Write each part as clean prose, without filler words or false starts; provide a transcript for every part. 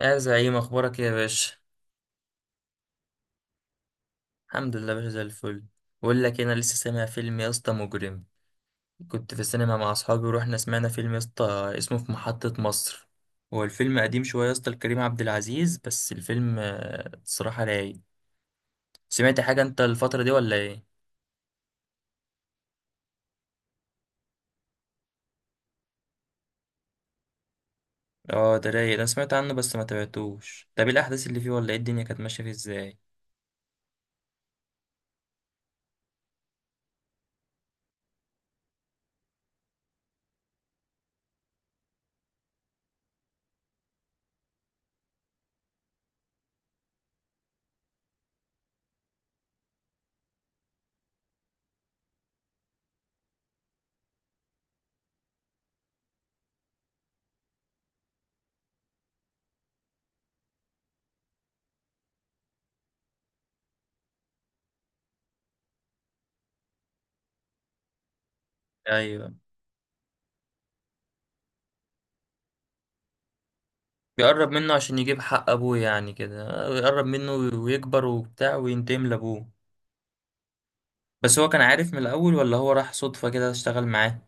يا زعيم، اخبارك إيه يا باشا؟ الحمد لله يا باشا زي الفل. بقول لك إيه، انا لسه سامع فيلم يا اسطى مجرم. كنت في السينما مع اصحابي ورحنا سمعنا فيلم يا اسطى اسمه في محطة مصر. هو الفيلم قديم شويه يا اسطى لكريم عبد العزيز، بس الفيلم الصراحه رايق. سمعت حاجه انت الفتره دي ولا ايه؟ اه، ده رايق. انا سمعت عنه بس ما تابعتوش. طب إيه الاحداث اللي فيه ولا ايه الدنيا كانت ماشيه فيه ازاي؟ ايوه. بيقرب منه عشان يجيب حق ابوه يعني كده، يقرب منه ويكبر وبتاع وينتقم لابوه. بس هو كان عارف من الأول ولا هو راح صدفة كده اشتغل معاه؟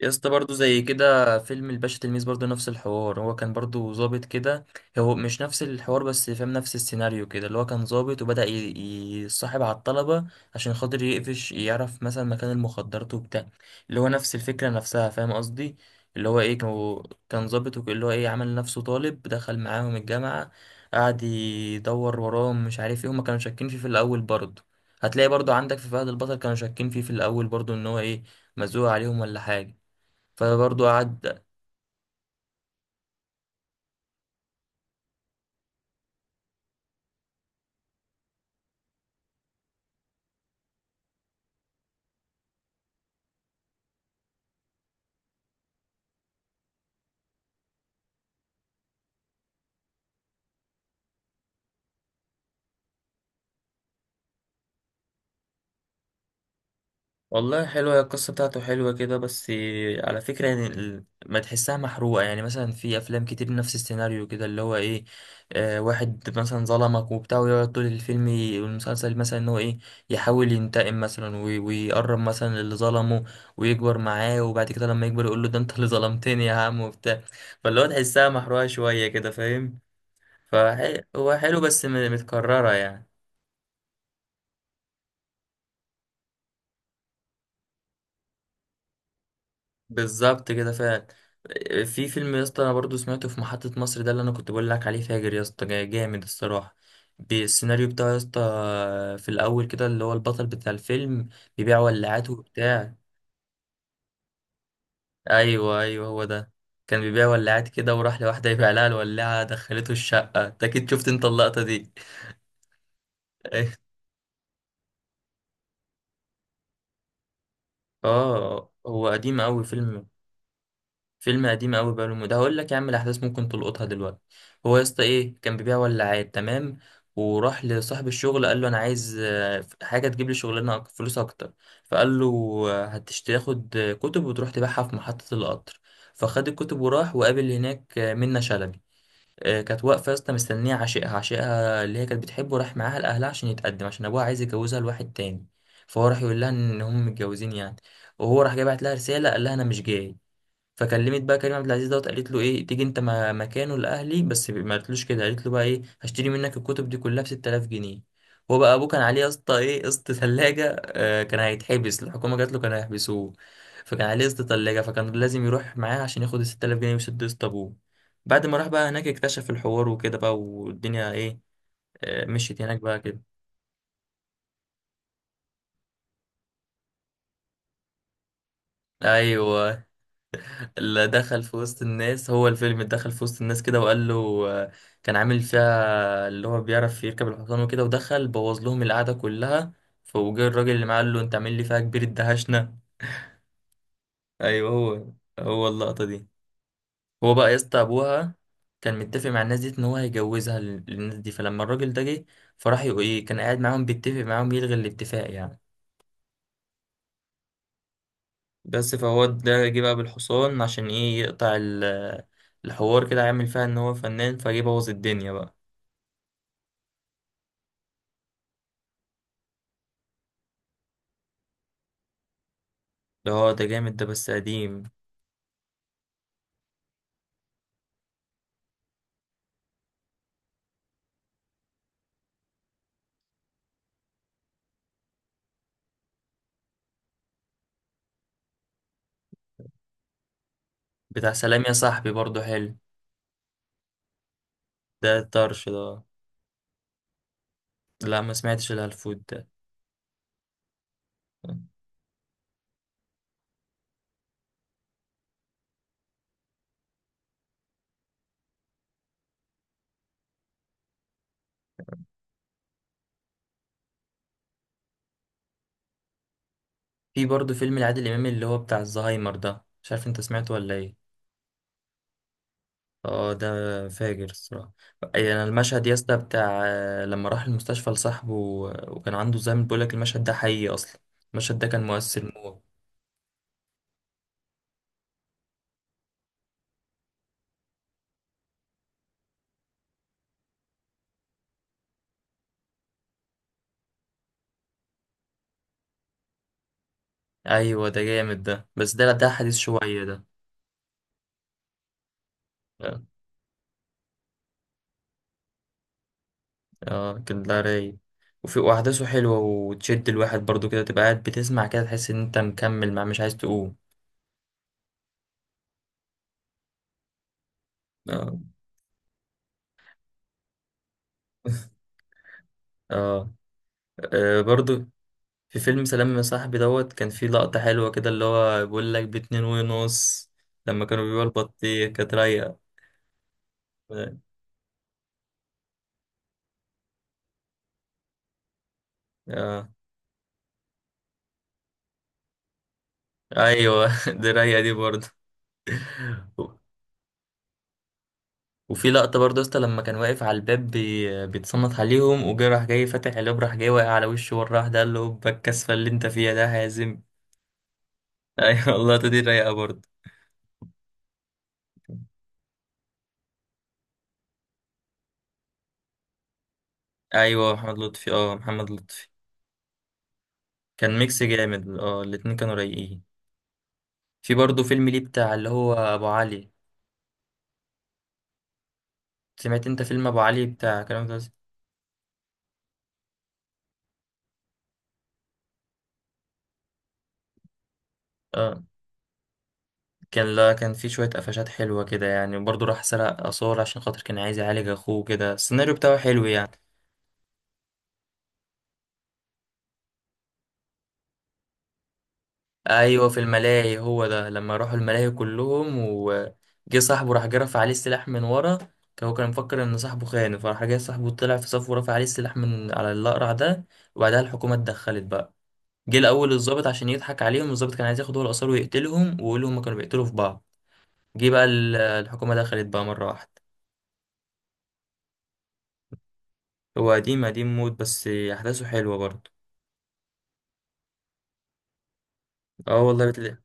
يا اسطى برضه زي كده فيلم الباشا تلميذ برضه نفس الحوار، هو كان برضه ظابط كده. هو مش نفس الحوار بس فاهم نفس السيناريو كده، اللي هو كان ظابط وبدأ يصاحب على الطلبة عشان خاطر يقفش، يعرف مثلا مكان المخدرات وبتاع. اللي هو نفس الفكرة نفسها، فاهم قصدي؟ اللي هو ايه كان ظابط اللي هو ايه عمل نفسه طالب دخل معاهم الجامعة. قعد يدور وراهم، مش عارف ايه، هما كانوا شاكين فيه في الأول برضه. هتلاقي برضه عندك في فهد البطل كانوا شاكين فيه في الأول برضه، ان هو ايه مزوق عليهم ولا حاجة. فبرضه قعد. والله حلوة، هي القصة بتاعته حلوة كده بس. على فكرة، يعني ما تحسها محروقة، يعني مثلا في أفلام كتير نفس السيناريو كده اللي هو إيه، واحد مثلا ظلمك وبتاع ويقعد طول الفيلم والمسلسل مثلا إن هو إيه، يحاول ينتقم مثلا ويقرب مثلا اللي ظلمه، ويكبر معاه وبعد كده لما يكبر يقول له ده أنت اللي ظلمتني يا عم وبتاع. فاللي هو تحسها محروقة شوية كده، فاهم؟ فهو حلو بس متكررة يعني. بالظبط كده فعلا. في فيلم يا اسطى انا برضو سمعته في محطة مصر، ده اللي انا كنت بقول لك عليه، فاجر يا اسطى، جامد الصراحة بالسيناريو بتاعه يا اسطى. في الاول كده اللي هو البطل بتاع الفيلم بيبيع ولاعات وبتاع. ايوه، ايوه، هو ده. كان بيبيع ولاعات كده وراح لواحدة يبيع لها الولاعة، دخلته الشقة. انت اكيد شفت انت اللقطة دي. اه، هو قديم قوي فيلم. فيلم قديم قوي بقاله مده، هقول لك يا عم الاحداث ممكن تلقطها دلوقتي. هو يا اسطى ايه، كان بيبيع ولاعات، تمام. وراح لصاحب الشغل قال له انا عايز حاجه تجيب لي شغلانه فلوس اكتر. فقال له تاخد كتب وتروح تبيعها في محطه القطر. فخد الكتب وراح وقابل هناك منة شلبي. كانت واقفه يا اسطى مستنيه عشيقها، عشيقها اللي هي كانت بتحبه، راح معاها لاهلها عشان يتقدم، عشان ابوها عايز يجوزها لواحد تاني. فهو راح يقول لها ان هم متجوزين يعني. وهو راح جاي بعت لها رساله قال لها انا مش جاي. فكلمت بقى كريم عبد العزيز دوت، قالت له ايه تيجي انت مكانه لاهلي، بس ما قالتلوش كده، قالت له بقى ايه هشتري منك الكتب دي كلها ب 6000 جنيه. هو بقى ابوه كان عليه يا اسطى ايه قسط ثلاجه، كان هيتحبس، الحكومه جات له كان هيحبسوه. فكان عليه قسط ثلاجه، فكان لازم يروح معاه عشان ياخد ال 6000 جنيه ويسد قسط ابوه. بعد ما راح بقى هناك اكتشف الحوار وكده بقى والدنيا ايه. مشيت هناك بقى كده. ايوه. اللي دخل في وسط الناس هو الفيلم، اللي دخل في وسط الناس كده وقال له آه، كان عامل فيها اللي هو بيعرف يركب الحصان وكده، ودخل بوظ لهم القعدة كلها. فوجئ الراجل اللي معاه قال له انت عامل لي فيها كبير، الدهشنا. ايوه هو. هو اللقطة دي. هو بقى يا اسطى ابوها كان متفق مع الناس دي ان هو هيجوزها للناس دي، فلما الراجل ده جه، فراح ايه كان قاعد معاهم بيتفق معاهم يلغي الاتفاق يعني. بس فهو ده جه بقى بالحصان عشان ايه يقطع الحوار كده، عامل فيها ان هو فنان، فجه بوظ الدنيا بقى. اه ده جامد ده، بس قديم. بتاع سلام يا صاحبي برضه حلو. ده الطرش ده. لا، ما سمعتش الهلفوت ده. في برضه فيلم لعادل إمام اللي هو بتاع الزهايمر ده، مش عارف انت سمعته ولا ايه. اه، ده فاجر الصراحة. اي انا المشهد يا اسطى بتاع لما راح المستشفى لصاحبه وكان عنده زهايمر، بيقول لك المشهد ده حقيقي اصلا. المشهد ده كان مؤثر موت. ايوه، ده جامد ده، بس ده حديث شوية ده. اه، كان ده رايق. وفي واحداثه حلوة وتشد الواحد برضو كده، تبقى قاعد بتسمع كده تحس ان انت مكمل مع مش عايز تقوم. اه. اه. آه، برضو. في فيلم سلام يا صاحبي دوت كان في لقطة حلوة كده اللي هو بيقول لك باتنين ونص لما كانوا بيبيعوا البطيخ، كانت رايقة. اه. ايوه. دي رايقة دي برضو. وفي لقطة برضه يا اسطى لما كان واقف على الباب بيتصنت عليهم وجه، راح جاي فاتح الباب، راح جاي واقع على وشه مرة واحدة قال له "هوبا الكسفة اللي انت فيها ده هازم". ايوه. والله دي رايقه برضه. ايوه محمد لطفي، اه محمد لطفي. كان ميكس جامد، اه الاتنين كانوا رايقين. في برضه فيلم ليه بتاع اللي هو ابو علي. سمعت انت فيلم ابو علي بتاع كلام ده؟ اه، لا، كان في شويه قفشات حلوه كده يعني، وبرضه راح سرق اثار عشان خاطر كان عايز يعالج اخوه كده، السيناريو بتاعه حلو يعني. ايوه، في الملاهي هو ده، لما راحوا الملاهي كلهم وجه صاحبه راح جرف عليه السلاح من ورا. هو كان مفكر ان صاحبه خانه، فراح جاي صاحبه طلع في صف ورفع عليه السلاح من على الاقرع ده. وبعدها الحكومه اتدخلت بقى. جه الاول الضابط عشان يضحك عليهم، الضابط كان عايز ياخد هو الاثار ويقتلهم ويقول لهم كانوا بيقتلوا في بعض. جه بقى الحكومه دخلت بقى مره واحده. هو قديم، قديم موت، بس احداثه حلوه برضه. اه والله بتلاقي.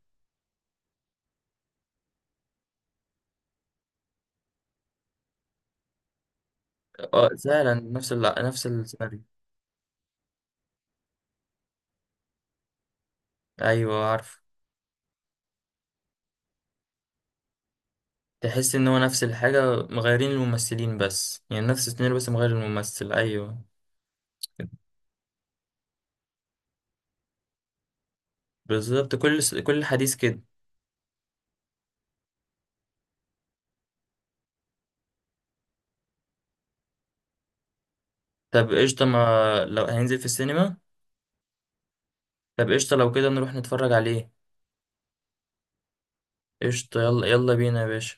اه فعلا نفس نفس السيناريو. ايوه عارف. تحس ان هو نفس الحاجة، مغيرين الممثلين بس يعني، نفس السيناريو بس مغير الممثل، ايوه. بالظبط، كل حديث كده. طب قشطة، ما لو هينزل في السينما. طب قشطة، لو كده نروح نتفرج عليه. قشطة، يلا يلا بينا يا باشا.